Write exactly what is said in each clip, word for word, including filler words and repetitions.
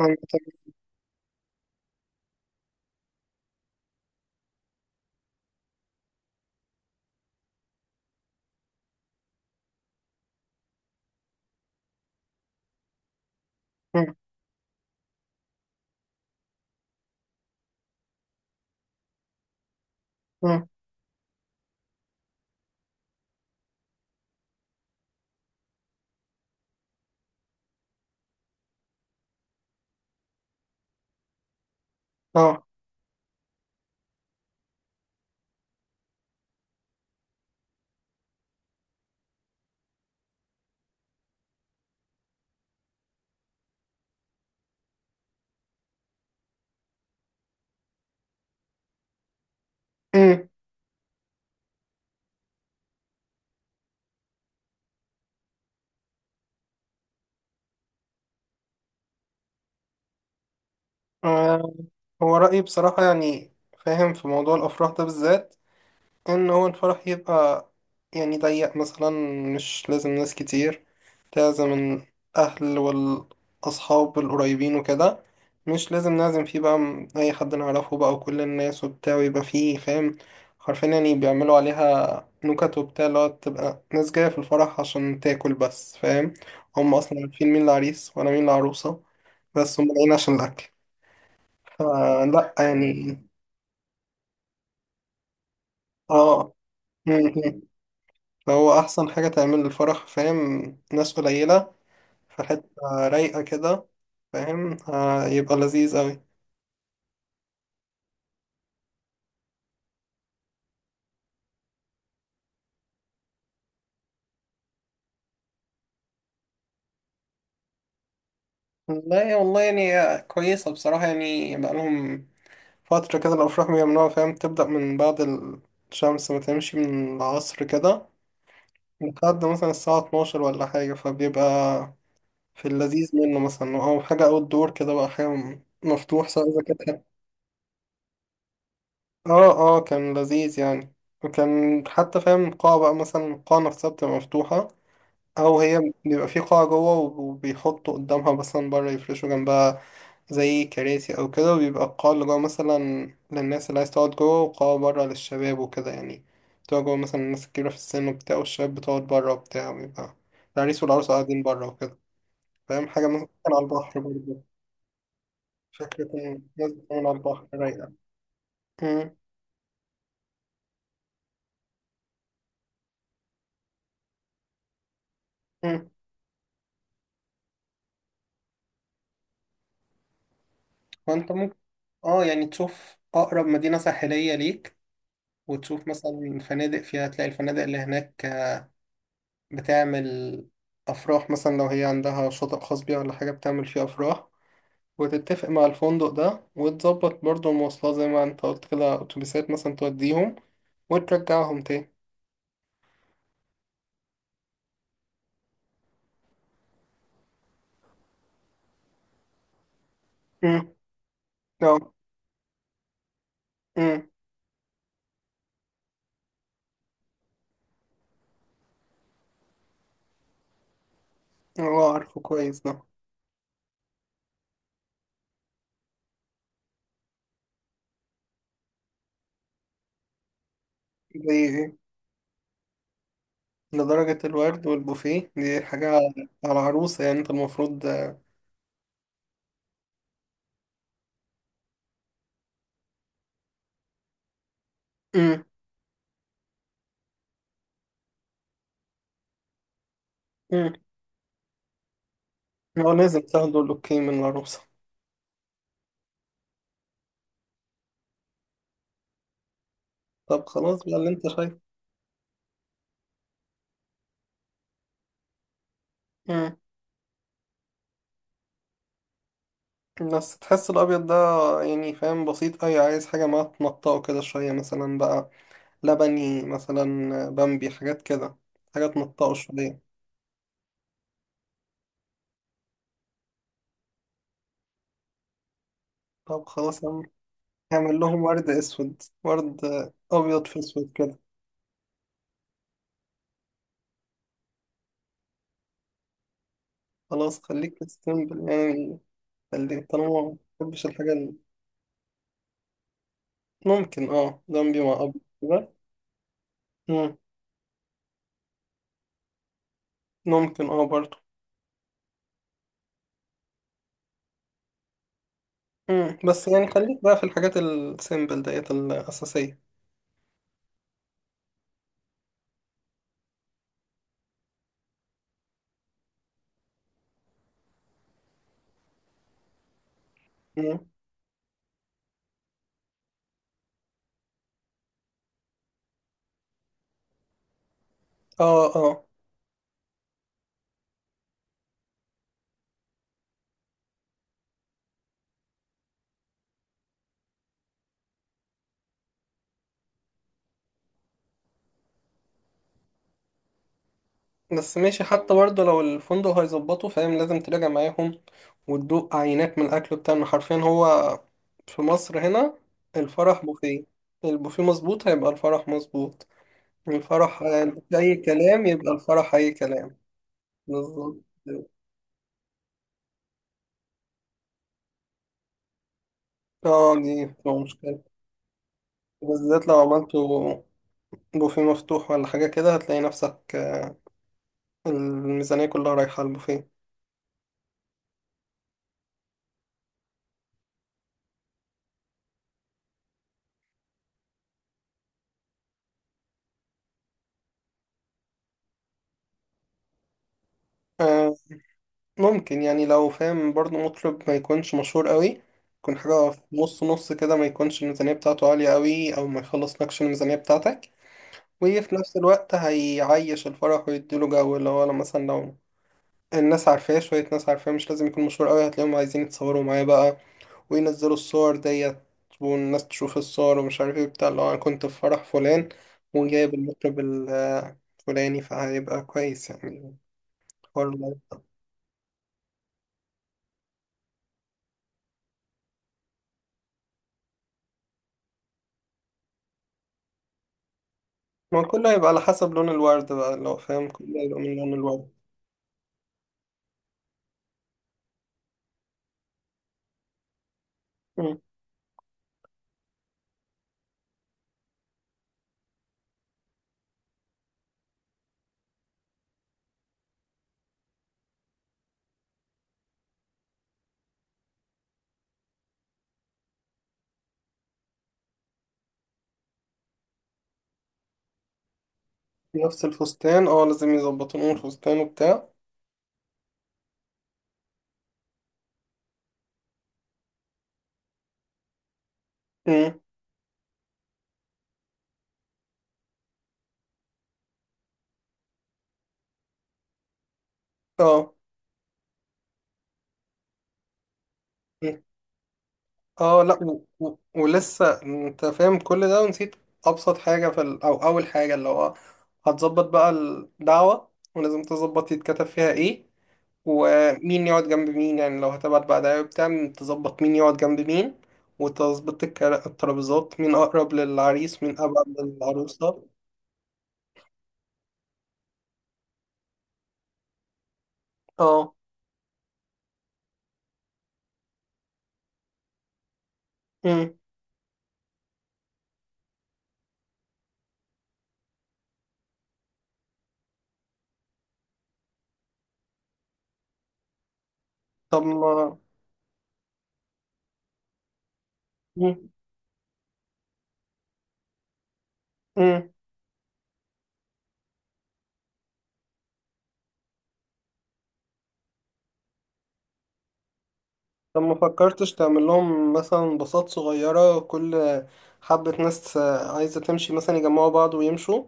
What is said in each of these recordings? أيوة. تمام. م- م. اه. امم آه، هو رأيي بصراحة، يعني فاهم في موضوع الأفراح ده بالذات. ان هو الفرح يبقى يعني ضيق مثلا، مش لازم ناس كتير، لازم الاهل والاصحاب القريبين وكده. مش لازم نعزم فيه بقى م- اي حد نعرفه بقى وكل الناس وبتاع، ويبقى فيه فاهم حرفيا يعني بيعملوا عليها نكت وبتاع، اللي هو تبقى ناس جاية في الفرح عشان تاكل بس. فاهم هم اصلا عارفين مين العريس وانا مين العروسة، بس هم جايين عشان الاكل. فلا يعني. اه. فهو أحسن حاجة تعمل الفرح فاهم ناس قليلة، في حتة رايقة كده، فاهم آه، يبقى لذيذ أوي. لا والله، يعني كويسة بصراحة. يعني بقالهم فترة كده الأفراح بيعملوها، فاهم تبدأ من بعد الشمس وتمشي من العصر كده، لحد مثلا الساعة اتناشر ولا حاجة. فبيبقى في اللذيذ منه، مثلا أو حاجة أوت دور كده، بقى حاجة مفتوح سواء إذا كانت. اه اه، كان لذيذ يعني. وكان حتى فاهم قاعة، بقى مثلا القاعة نفسها بتبقى مفتوحة، أو هي بيبقى في قاعة جوه وب- وبيحطوا قدامها مثلا بره، يفرشوا جنبها زي كراسي أو كده، وبيبقى القاعة اللي جوه مثلا للناس اللي عايز تقعد جوه، وقاعة بره للشباب وكده، يعني بتقعد جوه مثلا الناس الكبيرة في السن وبتاع، والشباب بتقعد بره وبتاع، ويبقى العريس والعروسة قاعدين بره وكده. فاهم حاجة مثلا كان على البحر برضه. فكرة إن الناس بتكون على البحر رايقة. مم. مم. وأنت اه، يعني تشوف أقرب مدينة ساحلية ليك، وتشوف مثلا فنادق فيها، تلاقي الفنادق اللي هناك بتعمل أفراح. مثلا لو هي عندها شاطئ خاص بيها ولا حاجة بتعمل فيه أفراح، وتتفق مع الفندق ده وتظبط برضه المواصلات زي ما انت قلت كده، أتوبيسات مثلا توديهم وترجعهم تاني. امم. اه. امم. اه، عارفه كويس ده. زي ايه؟ لدرجة الورد والبوفيه دي حاجة على العروسة، يعني انت المفروض. امم. امم. هو لازم تاخدوا الأوكي من العروسة. طب خلاص بقى اللي انت شايفه. مم. بس تحس الابيض ده يعني فاهم بسيط اوي، عايز حاجه ما تنطقه كده شويه، مثلا بقى لبني مثلا، بامبي، حاجات كده، حاجات تنطقه شويه. طب خلاص يا عم، هعمل لهم ورد اسود، ورد ابيض في اسود كده. خلاص خليك تستمبل يعني، خليك طالما ما بتحبش الحاجه اللي. ممكن اه، بامبي مع ابيض كده. مم. ممكن اه برضه. مم. بس يعني خليك بقى في الحاجات السيمبل ديت الاساسيه. اه اه. بس ماشي، حتى برضه لو الفندق هيظبطه، فاهم لازم تراجع معاهم وتدوق عينات من الاكل بتاعنا. حرفيا هو في مصر هنا الفرح بوفيه، البوفيه مظبوط هيبقى الفرح مظبوط، الفرح آه، اي كلام يبقى الفرح اي كلام. بالظبط. اه، دي بتبقى مشكلة، بالذات لو عملته بوفيه مفتوح ولا حاجة كده، هتلاقي نفسك آه، الميزانية كلها رايحة على البوفيه. آه، ممكن يعني، لو فاهم برضو مطرب ما يكونش مشهور قوي، يكون حاجة في نص نص كده، ما يكونش الميزانية بتاعته عالية قوي أو ما يخلص نكش الميزانية بتاعتك. وفي نفس الوقت هيعيش الفرح ويديله جو، اللي هو لو مثلا، لو الناس عارفاه شوية ناس عارفاه، مش لازم يكون مشهور قوي، هتلاقيهم عايزين يتصوروا معاه بقى وينزلوا الصور ديت، والناس تشوف الصور ومش عارف ايه بتاع، اللي هو أنا كنت في فرح فلان وجايب المطرب الفلاني، فهيبقى كويس يعني الحوار ده. ما كله هيبقى على حسب لون الورد بقى، لو فاهم كله هيبقى من لون الورد. مم. نفس الفستان، اه لازم يظبطوا لون الفستان وبتاع. مم. اه. مم. اه، لا و... و... ولسه انت فاهم كل ده ونسيت ابسط حاجة في ال... او اول حاجة، اللي هو هتظبط بقى الدعوة، ولازم تظبط يتكتب فيها ايه ومين يقعد جنب مين، يعني لو هتبعت بقى دعوة بتاع، تظبط مين يقعد جنب مين، وتظبط الكرا- الترابيزات، مين اقرب للعريس مين ابعد للعروسة. اه. طب ما مم. مم. طب ما فكرتش تعمل لهم مثلا باصات صغيرة، كل حبة ناس آه، عايزة تمشي مثلا يجمعوا بعض ويمشوا،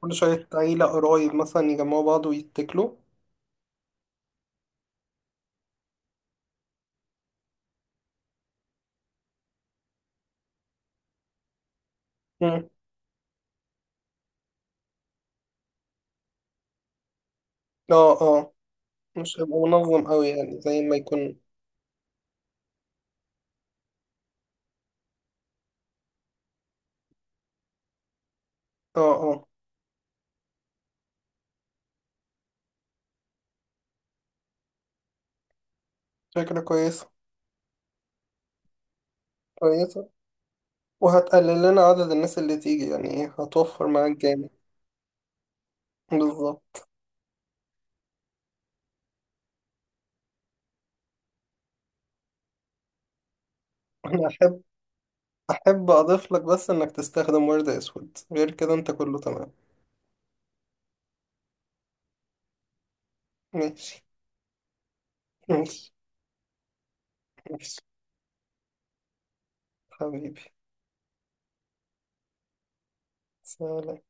كل شوية عيلة قرايب مثلا يجمعوا بعض ويتكلوا. مم. اه اه. مش هيبقى منظم أوي يعني، زي ما يكون. اه اه. فكرة كويسة. كويسة، وهتقلل لنا عدد الناس اللي تيجي، يعني ايه هتوفر معاك جامد. بالظبط. أنا أحب أحب أضيف لك بس إنك تستخدم ورد أسود، غير كده أنت كله تمام. ماشي. ماشي. ماشي. حبيبي، سلام.